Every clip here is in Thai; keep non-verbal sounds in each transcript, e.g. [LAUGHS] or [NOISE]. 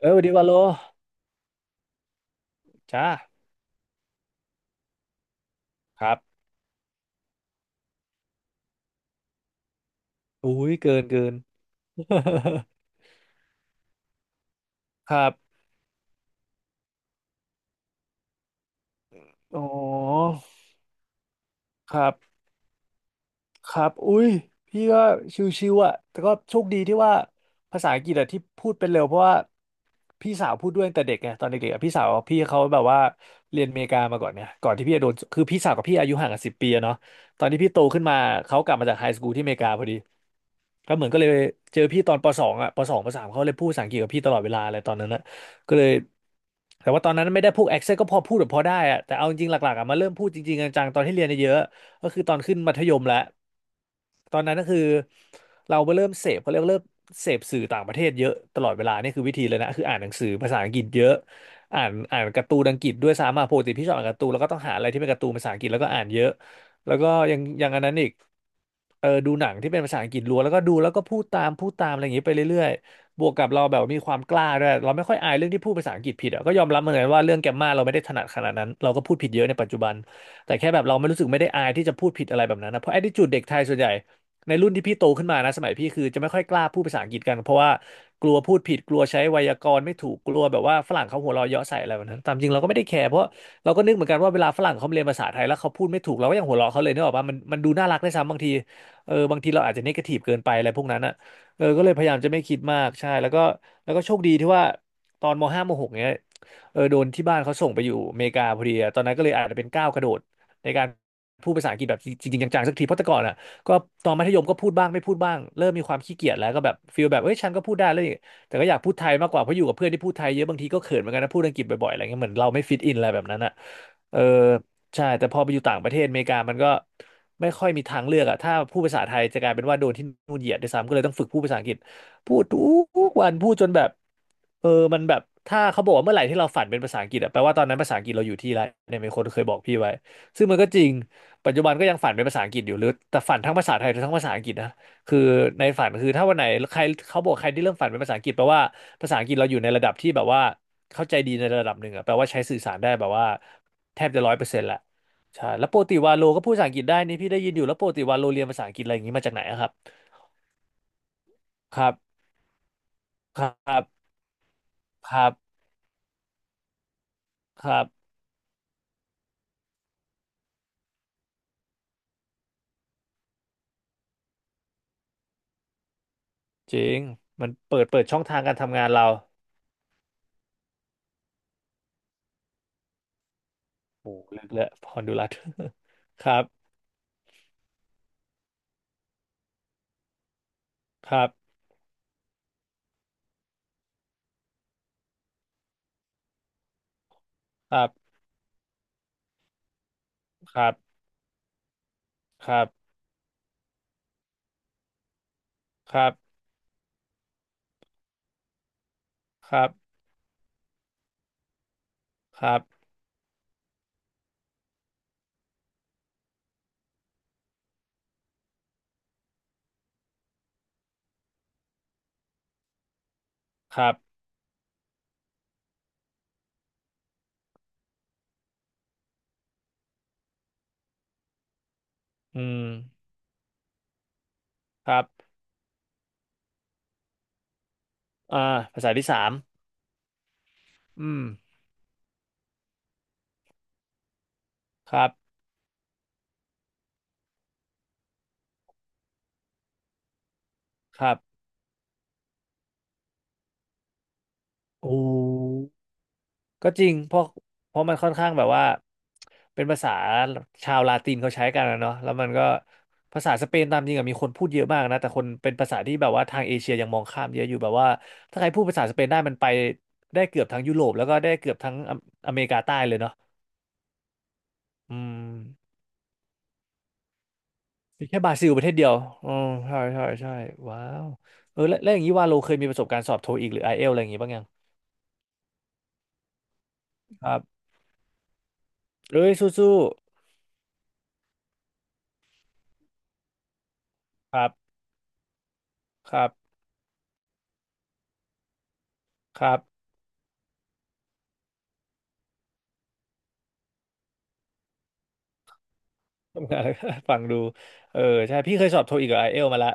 สวัสดีวาโลจ้าครับอุ้ยเกินเกิน [LAUGHS] ครับอ๋อครับครับอุ้ยพี่ก็ชิวๆอ่ะแต่ก็โชคดีที่ว่าภาษาอังกฤษอะที่พูดเป็นเร็วเพราะว่าพี่สาวพูดด้วยตั้งแต่เด็กไงตอนเด็กๆอะพี่สาวพี่เขาแบบว่าเรียนอเมริกามาก่อนเนี่ยก่อนที่พี่จะโดนคือพี่สาวกับพี่อายุห่างกัน10 ปีอะเนาะตอนที่พี่โตขึ้นมาเขากลับมาจากไฮสคูลที่อเมริกาพอดี ก็เหมือนก็เลยเจอพี่ตอนปสองอ่ะปสองปสามเขาเลยพูดภาษาอังกฤษกับพี่ตลอดเวลาอะไรตอนนั้นนะก็เลยแต่ว่าตอนนั้นไม่ได้พูดแอคเซนต์ก็พอพูดแบบพอได้อ่ะแต่เอาจริงๆหลักๆอ่ะมาเริ่มพูดจริงๆจังๆตอนที่เรียนเยอะๆก็คือตอนขึ้นมัธยมแล้วตอนนั้นก็คือเราไปเริ่มเสพเขาเรียกว่าเริ่มเสพสื่อต่างประเทศเยอะตลอดเวลานี่คือวิธีเลยนะคืออ่านหนังสือภาษาอังกฤษเยอะอ่านการ์ตูนอังกฤษด้วยซ้ำอ่ะปกติพี่ชอบอ่านการ์ตูนแล้วก็ต้องหาอะไรที่เป็นการ์ตูนภาษาอังกฤษแล้วก็อ่านเยอะ แล้วก็ยังอันนั้นอีกดูหนังที่เป็นภาษาอังกฤษล้วนแล้วก็ดูแล้วก็พูดตามพูดตามอะไรอย่างนี้ไปเรื่อยๆบวกกับเราแบบมีความกล้าด้วยเราไม่ค่อยอายเรื่องที่พูดภาษาอังกฤษผิดอ่ะก็ยอมรับเหมือนกันว่าเรื่องแกมมาเราไม่ได้ถนัดขนาดนั้นเราก็พูดผิดเยอะในปัจจุบันแต่แค่แบบเราไม่รู้สึกไม่ได้อายที่จะพูดผิดอะไรแบบนั้นนะเพราะ attitude เด็กไทยส่วนใหญ่ในรุ่นที่พี่โตขึ้นมานะสมัยพี่คือจะไม่ค่อยกล้าพูดภาษาอังกฤษกันเพราะว่ากลัวพูดผิดกลัวใช้ไวยากรณ์ไม่ถูกกลัวแบบว่าฝรั่งเขาหัวเราะเยาะใส่อะไรแบบนั้นตามจริงเราก็ไม่ได้แคร์เพราะ เราก็นึกเหมือนกันว่าเวลาฝรั่งเขาเรียนภาษาไทยแล้วเขาพูดไม่ถูกเราก็ยังหัวเราะเขาเลยนึกออกปะมันดูน่ารักได้วยซ้ำบางทีบางทีเราอาจจะเนกาทีฟเกินไปอะไรพวกนั้นอ่ะก็เลยพยายามจะไม่คิดมากใช่แล้วก็แล้วก็โชคดีที่ว่าตอนมห้ามหกเนี้ยโดนที่บ้านเขาส่งไปอยู่อเมริกาพอดีอะตอนนั้นก็เลยอาจจะเป็นก้าวกระโดดในการพูดภาษาอังกฤษแบบจริงๆจังๆสักทีเพราะแต่ก่อนอ่ะก็ตอนมัธยมก็พูดบ้างไม่พูดบ้างเริ่มมีความขี้เกียจแล้วก็แบบฟีลแบบเอ้ยฉันก็พูดได้แล้ว แต่ก็อยากพูดไทยมากกว่าเพราะอยู่กับเพื่อนที่พูดไทยเยอะบางทีก็เขินเหมือนกันนะพูดอังกฤษบ่อยๆอะไรเงี้ยเหมือนเราไม่ฟิตอินอะไรแบบนั้นอ่ะเออใช่แต่พอไปอยู่ต่างประเทศอเมริกามันก็ไม่ค่อยมีทางเลือกอ่ะถ้าพูดภาษาไทยจะกลายเป็นว่าโดนที่นู่นเหยียดด้วยซ้ำก็เลยต้องฝึกพูดภาษาอังกฤษพูดทุกวันพูดจนแบบเออมันแบบถ้าเขาบอกว่าเมื่อไหร่ที่เราฝันเป็นภาษาอังกฤษอะแปลว่าตอนนั้นภาษาอังกฤษเราอยู่ที่ไรเนี่ยมีคนเคยบอกพี่ไว้ซึ่งมันก็จริงปัจจุบันก็ยังฝันเป็นภาษาอังกฤษอยู่หรือแต่ฝันทั้งภาษาไทยทั้งภาษาอังกฤษนะ คือในฝันคือถ้าวันไหนใครเขาบอกใครที่เริ่มฝันเป็นภาษาอังกฤษแปลว่าภาษาอังกฤษเราอยู่ในระดับที่แบบว่าเข้าใจดีในระดับหนึ่งอะแปลว่าใช้สื่อสารได้แบบว่าแทบจะ100%ละใช่แล้วปกติวาโลก็พูดภาษาอังกฤษได้นี่พี่ได้ยินอยู่แล้วปกติวาโลเรียนภาษาอังกฤษอะไรอย่างนี้มาจากไหนอะครับครับครับครับครับจริงมันเปิดช่องทางการทำงานเราโอ้โหลึกเลยพอนดูรัต [LAUGHS] ครับครับครับครับครับครับครับครับครับอืมครับ อ่าภาษาที่สามอืมครับครับโอ้ก็จริงเพราะเพราะมันค่อนข้างแบบว่า เป็นภาษาชาวลาตินเขาใช้กันนะเนาะแล้วมันก็ภาษาสเปนตามจริงอะมีคนพูดเยอะมากนะ แต่คนเป็นภาษาที่แบบว่าทางเอเชียยังมองข้ามเยอะอยู่แบบว่าถ้าใครพูดภาษาสเปนได้มันไปได้เกือบทั้งยุโรปแล้วก็ได้เกือบทั้งอเมริกาใต้เลยเนาะอืมมีแค่บราซิลประเทศเดียวอ๋อใช่ใช่ใช่ว้าวเออแล้วอย่างนี้ว่าโลเคยมีประสบการณ์สอบโทอีกหรือไอเอลอะไรอย่างงี้บ้างยังครับ เอ้ยสู้ๆครับครับครับ [LAUGHS] ทำงานแล้วก็ฟังดูเออใช่พี่เคยสอบโทอีกกับไอเอลมาละ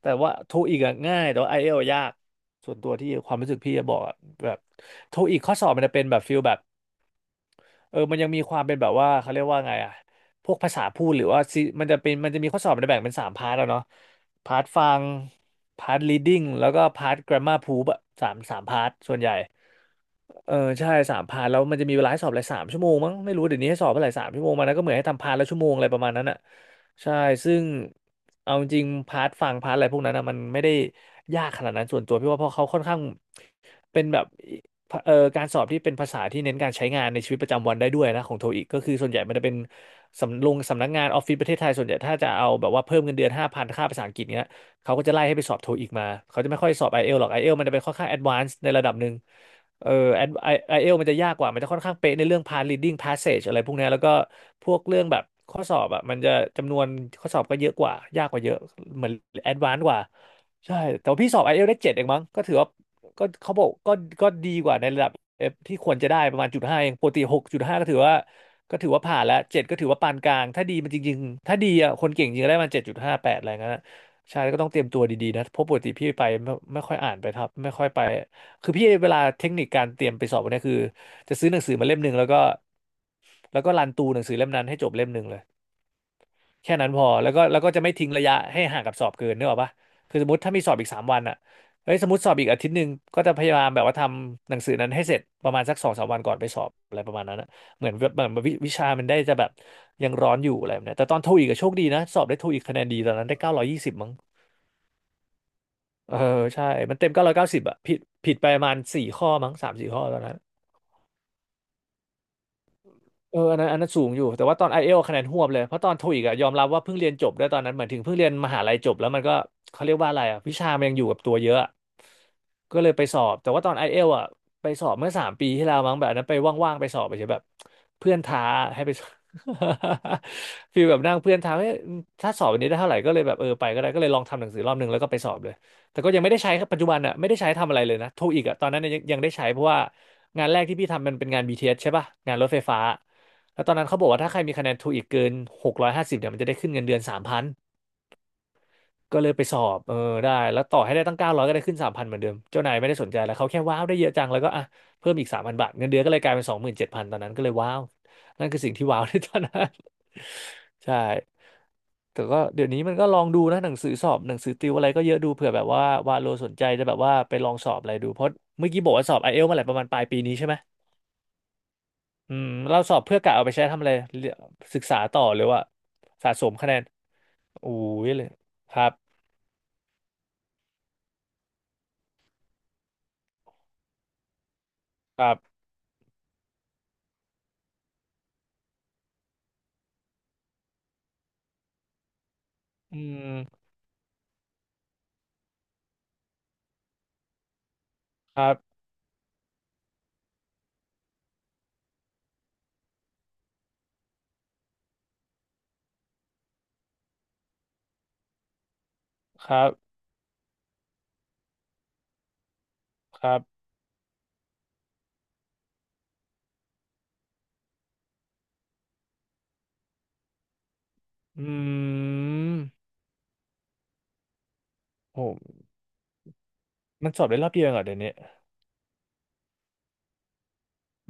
แต่ว่าโทอีกง่ายแต่ว่าไอเอลยากส่วนตัวที่ความรู้สึกพี่จะบอกอะแบบโทอีกข้อสอบมันจะเป็นแบบฟิลแบบ เออมันยังมีความเป็นแบบว่าเขาเรียกว่าไงอะพวกภาษาพูดหรือว่าซีมันจะเป็นมันจะมีข้อสอบมันจะแบ่งเป็นสามพาร์ทแล้วเนาะพาร์ทฟังพาร์ท reading แล้วก็พาร์ท grammar proof อะสามพาร์ทส่วนใหญ่ เออ ใช่3 พาร์ทแล้วมันจะมีเวลาให้สอบอะไรสามชั่วโมงมั้งไม่รู้เดี๋ยวนี้ให้สอบเท่าไหร่สามชั่วโมงมันนะก็เหมือนให้ทำพาร์ทละชั่วโมงอะไรประมาณนั้นอะใช่ซึ่งเอาจริงพาร์ทฟังพาร์ทอะไรพวกนั้นอะมันไม่ได้ยากขนาดนั้นส่วนตัวพี่ว่าเพราะเขาค่อนข้างเป็นแบบ การสอบที่เป็นภาษาที่เน้นการใช้งานในชีวิตประจำวันได้ด้วยนะของโทอีกก็คือส่วนใหญ่มันจะเป็นสำนักงานออฟฟิศประเทศไทยส่วนใหญ่ถ้าจะเอาแบบว่าเพิ่มเงินเดือน5,000ค่าภาษาอังกฤษเนี้ยเขาก็จะไล่ให้ไปสอบโทอีกมาเขาจะไม่ค่อยสอบไอเอลหรอกไอเอลมันจะเป็นค่อนข้างแอดวานซ์ในระดับหนึ่งเออไอเอลมันจะยากกว่ามันจะค่อนข้างเป๊ะในเรื่อง past reading passage อะไรพวกเนี้ยแล้วก็พวกเรื่องแบบข้อสอบอ่ะมันจะจำนวนข้อสอบก็เยอะกว่ายากกว่าเยอะเหมือนแอดวานซ์กว่าใช่แต่ว่าพี่สอบไอเอลได้เจ็ดเองมั้งก็ถือว่า ก็เขาบอกก็ก็ดีกว่าในระดับ F ที่ควรจะได้ประมาณ.5เองปกติ6.5ก็ถือว่าก็ถือว่าผ่านแล้วเจ็ดก็ถือว่าปานกลางถ้าดีมันจริงๆถ้าดีอ่ะคนเก่งจริงก็ได้มัน7.58อะไรเงี้ยนะใช่ก็ต้องเตรียมตัวดีๆนะเพราะปกติพี่ไปไม่ค่อยอ่านไปครับไม่ค่อยไปคือพี่เวลาเทคนิคการเตรียมไปสอบเนี่ยคือจะซื้อหนังสือมาเล่มหนึ่งแล้วก็รันตูหนังสือเล่มนั้นให้จบเล่มหนึ่งเลย แค่นั้นพอแล้วก็จะไม่ทิ้งระยะให้ห่างกับสอบเกินนึกออกปะคือสมมติถ้ามีสอบอีกสามวันอ่ะเฮ้ยสมมติสอบอีกอาทิตย์หนึ่งก็จะพยายามแบบว่าทำหนังสือนั้นให้เสร็จประมาณสัก2-3 วันก่อนไปสอบอะไรประมาณนั้นอะเหมือนแบบเหมือนชามันได้จะแบบยังร้อนอยู่อะไรแบบเนี้ยแต่ตอนโทอีกก็โชคดีนะสอบได้โทอีกคะแนนดีตอนนั้นได้920มั้งเออใช่มันเต็ม990อะผิดผิดไปประมาณสี่ข้อมั้ง3-4 ข้อตอนนั้น เอออันนั้นอันนั้นสูงอยู่แต่ว่าตอนไอเอลคะแนนหวบเลยเพราะตอนโทอีกอะยอมรับว่าเพิ่งเรียนจบได้วยตอนนั้นเหมือนถึงเพิ่งเรียนมหาลัยจบแล้วมันก็เขาเรียกว่าอะไรอะวิชามันยังอยู่กับตัวเยอะอะก็เลยไปสอบแต่ว่าตอนไอเอลอะไปสอบเมื่อ3 ปีที่แล้วมั้งแบบอันนั้นไปว่างๆไปสอบไปเฉยแบบเพื่อนท้าให้ไปสอบ [LAUGHS] ฟีลแบบนั่งเพื่อนท้าให้ยถ้าสอบวันนี้ได้เท่าไหร่ก็เลยแบบเออไปก็ได้ก็เลยลองทำหนังสือรอบหนึ่งแล้วก็ไปสอบเลยแต่ก็ยังไม่ได้ใช้ครับปัจจุบันอะไม่ได้ใช้ทำอะไรเลยนะโทอีกอะตอนนั้นยังได้ใช้เพราะว่างานแรกที่พี่ทำมันเป็นงานบีทีเอสใช่ป่ะงานรถไฟฟ้า แล้วตอนนั้นเขาบอกว่าถ้าใครมีคะแนนTOEICเกิน650เนี่ยมันจะได้ขึ้นเงินเดือนสามพันก็เลยไปสอบเออได้แล้วต่อให้ได้ตั้ง900ก็ได้ขึ้นสามพันเหมือนเดิมเจ้านายไม่ได้สนใจแล้วเขาแค่ว้าวได้เยอะจังแล้วก็อ่ะเพิ่มอีก3,000 บาทเงินเดือนก็เลยกลายเป็น27,000ตอนนั้นก็เลยว้าวนั่นคือสิ่งที่ [LAUGHS] ว้าวในตอนนั้น [LAUGHS] ใช่แต่ก็เดี๋ยวนี้มันก็ลองดูนะหนังสือสอบหนังสือติวอะไรก็เยอะดูเผื่อแบบว่าโลสนใจจะแบบว่าไปลองสอบอะไรดูเพราะเมื่อกี้บอกว่าสอบไอเอลมาแหละประมาณปลายปีนี้ใช่ไหม อืมเราสอบเพื่อกะเอาไปใช้ทำอะไรเรียศึกษาต่อหรือว่าสะสมคะแนนอู้ยเลยครับครับอืมครับครับครับอืมโหมันสอบได้รอบเดียวเองเหรอเดี๋ยวนี้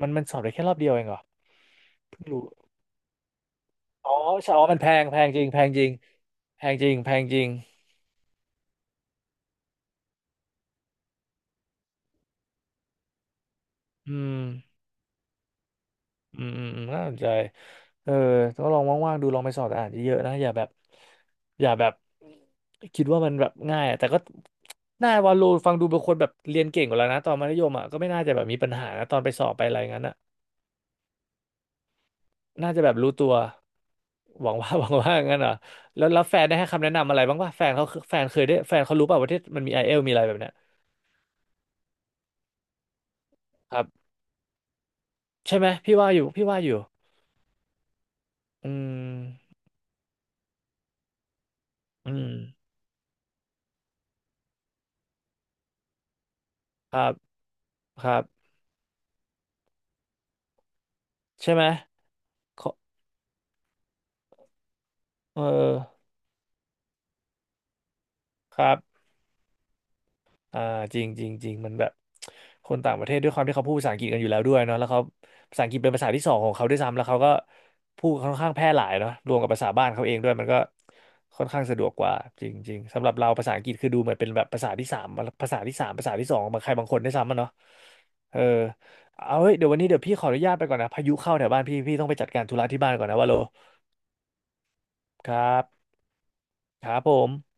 มันสอบได้แค่รอบเดียวเองเหรอเพิ่งรู้อ๋อใช่อ๋อมันแพงแพงจริงแพงจริงแพงจริงแพงจริงอืม อืมอืมอืมน่าสนใจเออก็ลองว่างๆดูลองไปสอบอ่านเยอะๆนะอย่าแบบอย่าแบบคิดว่ามันแบบง่ายอะแต่ก็น่าวาโลฟังดูเป็นคนแบบเรียนเก่งกว่าแล้วนะตอนมัธยมอ่ะก็ไม่น่าจะแบบมีปัญหานะตอนไปสอบไปอะไรงั้นอ่ะน่าจะแบบรู้ตัวหวังว่า [LAUGHS] หวังว่างั้นเหรอแล้วแฟนได้ให้คำแนะนำอะไรบ้างป่ะแฟนเขาแฟนเคยได้แฟนเขารู้ป่ะว่าที่มันมีไอเอลมีอะไรแบบเนี้ยครับใช่ไหมพี่ว่าอยู่พี่ว่าอยู่อืมอืมครับครับใช่ไหมขอเออครับ อ่าจริงจริงจริงมันแบบคนต่างประเทศด้วยความที่เขาพูดภาษาอังกฤษกันอยู่แล้วด้วยเนาะแล้วเขาภาษาอังกฤษเป็นภาษาที่สองของเขาด้วยซ้ำแล้วเขาก็พูดค่อนข้างแพร่หลายเนาะรวมกับภาษาบ้านเขาเองด้วยมันก็ค่อนข้างสะดวกกว่าจริงจริงสำหรับเราภาษาอังกฤษคือดูเหมือนเป็นแบบภาษาที่สามภาษาที่สามภาษาที่สองของใครบางคนด้วยซ้ำอะเนาะเออเอาเฮ้ยเดี๋ยววันนี้เดี๋ยวพี่ขออนุญาตไปก่อนนะพายุเข้าแถวบ้านพี่พี่ต้องไปจัดการธุระที่บ้านก่อนนะว่าโลครับครับผม